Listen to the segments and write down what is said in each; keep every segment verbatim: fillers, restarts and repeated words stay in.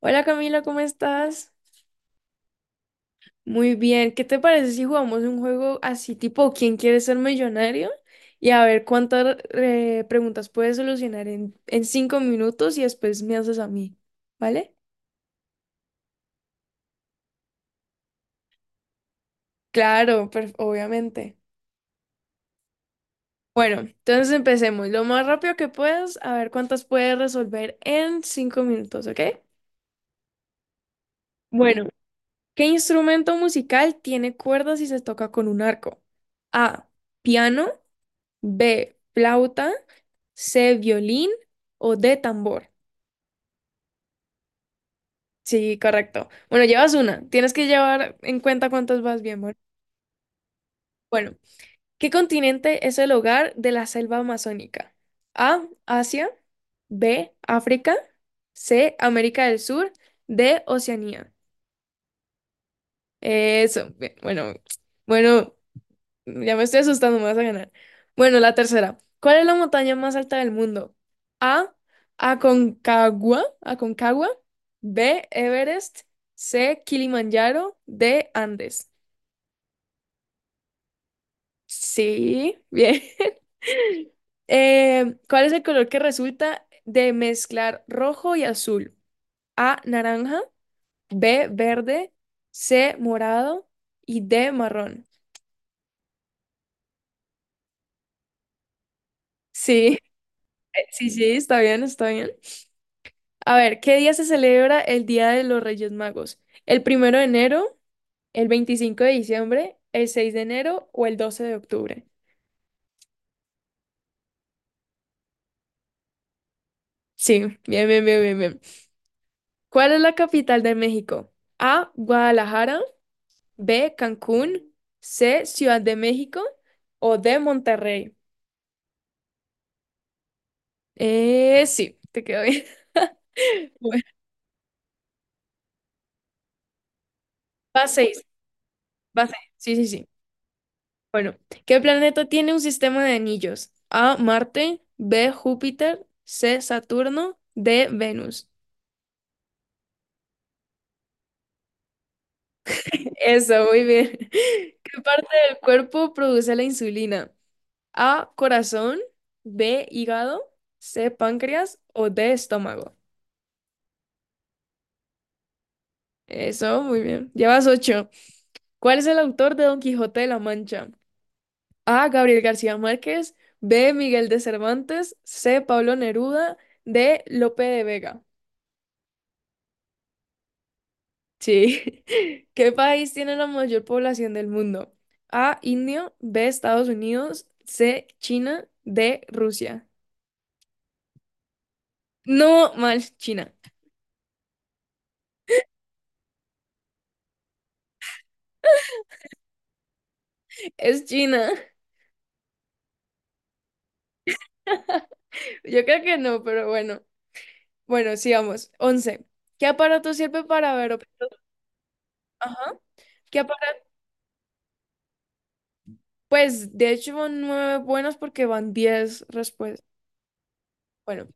Hola Camila, ¿cómo estás? Muy bien, ¿qué te parece si jugamos un juego así tipo ¿Quién quiere ser millonario? Y a ver cuántas eh, preguntas puedes solucionar en, en cinco minutos y después me haces a mí, ¿vale? Claro, per- obviamente. Bueno, entonces empecemos lo más rápido que puedas, a ver cuántas puedes resolver en cinco minutos, ¿ok? Bueno, ¿qué instrumento musical tiene cuerdas y se toca con un arco? A, piano, B, flauta. C, violín o D, tambor. Sí, correcto. Bueno, llevas una. Tienes que llevar en cuenta cuántas vas bien. Bueno, bueno, ¿qué continente es el hogar de la selva amazónica? A, Asia, B, África, C, América del Sur, D, Oceanía. Eso, bien, bueno, bueno, ya me estoy asustando, me vas a ganar. Bueno, la tercera. ¿Cuál es la montaña más alta del mundo? A. Aconcagua. Aconcagua. B. Everest. C. Kilimanjaro. D. Andes. Sí, bien. Eh, ¿cuál es el color que resulta de mezclar rojo y azul? A. Naranja. B. Verde. C. Morado. Y D. Marrón. Sí, eh, sí, sí, está bien, está bien. A ver, ¿qué día se celebra el Día de los Reyes Magos? ¿El primero de enero, el veinticinco de diciembre, el seis de enero o el doce de octubre? Sí, bien, bien, bien, bien, bien. ¿Cuál es la capital de México? A, Guadalajara, B, Cancún, C, Ciudad de México o D, Monterrey. Eh, sí, te quedó bien. Bueno, va seis, va seis. Sí, sí, sí. Bueno, ¿qué planeta tiene un sistema de anillos? A, Marte, B, Júpiter, C, Saturno, D, Venus. Eso, muy bien. ¿Qué parte del cuerpo produce la insulina? A, corazón, B, hígado, C, páncreas o D, estómago. Eso, muy bien. Llevas ocho. ¿Cuál es el autor de Don Quijote de la Mancha? A, Gabriel García Márquez, B, Miguel de Cervantes, C, Pablo Neruda, D, Lope de Vega. Sí. ¿Qué país tiene la mayor población del mundo? A, India, B, Estados Unidos, C, China, D, Rusia. No, mal, China. Es China. Yo creo que no, pero bueno. Bueno, sigamos. Once. ¿Qué aparato sirve para ver objetos? Ajá. ¿Qué aparato? Pues de hecho van nueve buenas porque van diez respuestas. Bueno,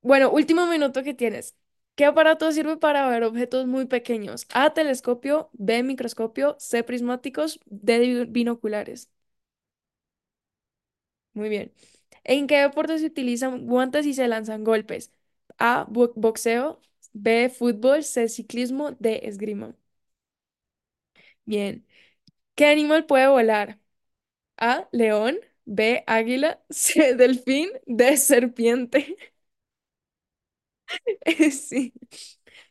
bueno, último minuto que tienes. ¿Qué aparato sirve para ver objetos muy pequeños? A, telescopio, B, microscopio, C, prismáticos, D, bi- binoculares. Muy bien. ¿En qué deporte se utilizan guantes y se lanzan golpes? A, bo- boxeo, B, fútbol, C, ciclismo, D, esgrima. Bien. ¿Qué animal puede volar? A, león, B, águila, C, delfín, D, serpiente. Sí.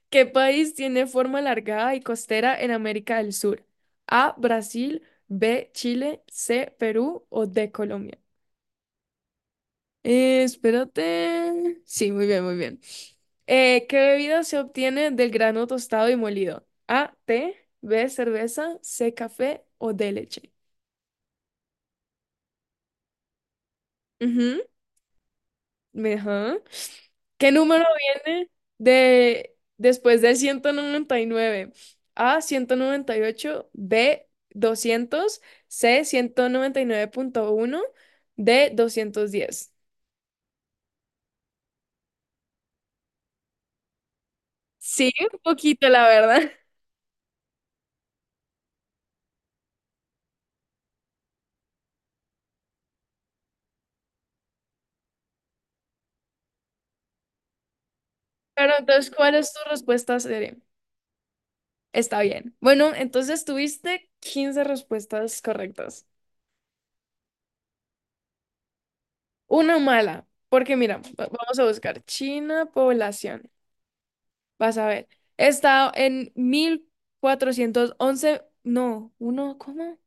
¿Qué país tiene forma alargada y costera en América del Sur? A, Brasil, B, Chile, C, Perú o D, Colombia. Eh, espérate. Sí, muy bien, muy bien. Eh, ¿qué bebida se obtiene del grano tostado y molido? A, té, B, cerveza, C, café o D, leche. Ujú. Me- ajá. ¿Qué número viene de después del ciento noventa y nueve? A, ciento noventa y ocho. B, doscientos. C, ciento noventa y nueve punto uno. D, doscientos diez. Sí, un poquito, la verdad. Pero entonces, ¿cuál es tu respuesta seria? Está bien. Bueno, entonces tuviste quince respuestas correctas. Una mala, porque mira, va- vamos a buscar China, población. Vas a ver. Está en mil cuatrocientos once. No, uno, ¿cómo?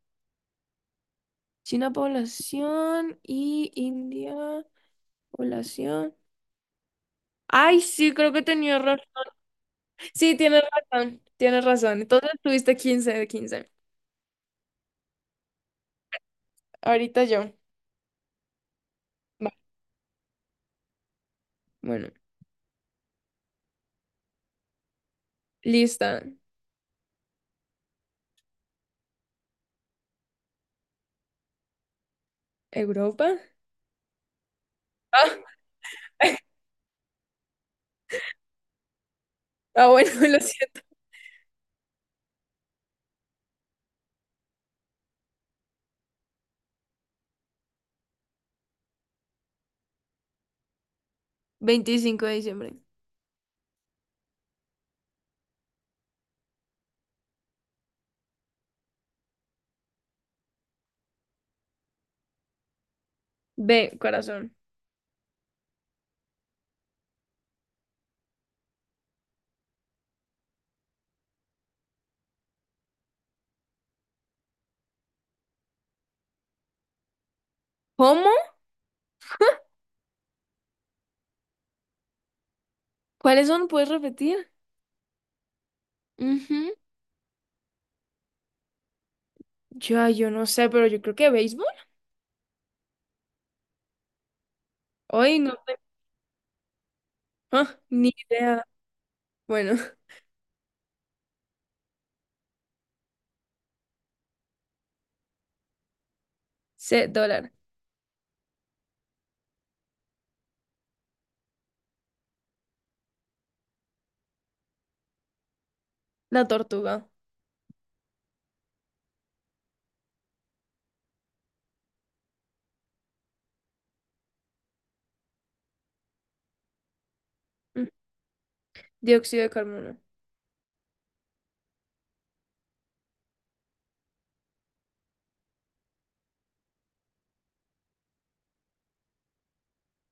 China población y India población. Ay, sí, creo que tenía error. Sí, tienes razón, tienes razón. Entonces tuviste quince de quince. Ahorita yo. Va. Bueno, lista. Europa. Ah, ah, bueno, lo siento. Veinticinco de diciembre. B, corazón. ¿Cómo? ¿Cuáles son? ¿Puedes repetir? Ujú. Ya, yo no sé, pero yo creo que béisbol. Hoy no. Ah, ni idea. Bueno, C, dólar. La tortuga. Mm, Dióxido de carbono.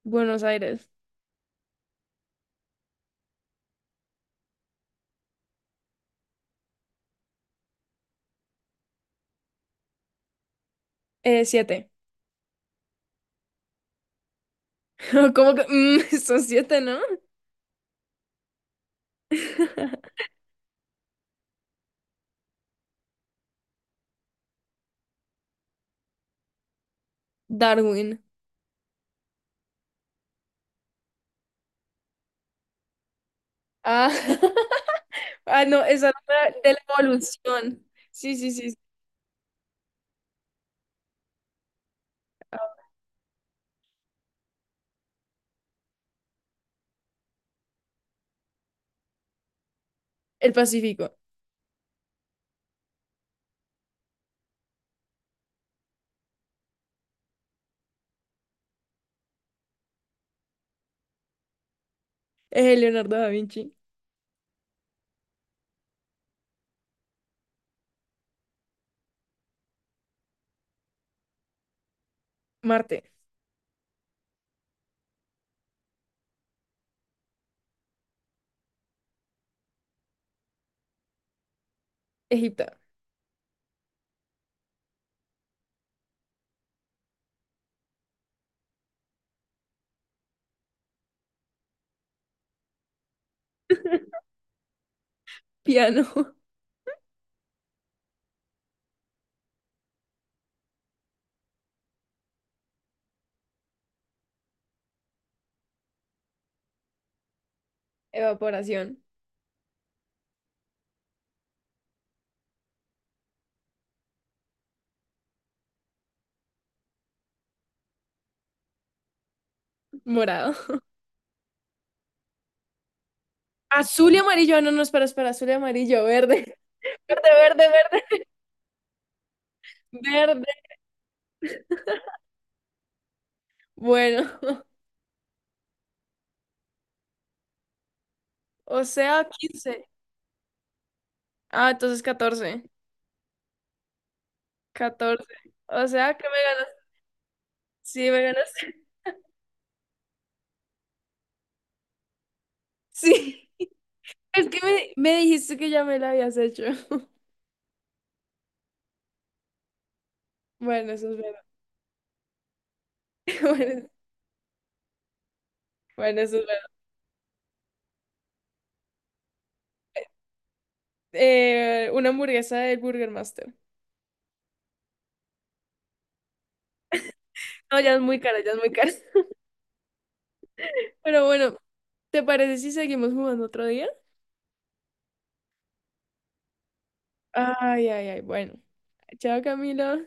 Buenos Aires. Eh, siete. ¿Cómo que? Mm, son siete, ¿no? Darwin. Ah, ah, no, esa era de la evolución. Sí, sí, sí. Sí. El Pacífico. Eh, Leonardo da Vinci. Marte. Egipto. Piano. Evaporación. Morado. Azul y amarillo. Ah, no, no, espera, espera. Azul y amarillo. Verde. Verde, verde, verde. Verde. Bueno. O sea, quince. Ah, entonces catorce. Catorce. O sea, que me ganaste. Sí, me ganaste. Sí. Es que me, me dijiste que ya me la habías hecho. Bueno, eso es verdad. Bueno, bueno, eso es verdad. Eh, una hamburguesa del Burger Master. No, ya es muy cara, ya es muy cara. Pero bueno, ¿te parece si seguimos jugando otro día? Ay, ay, ay. Bueno. Chao, Camilo.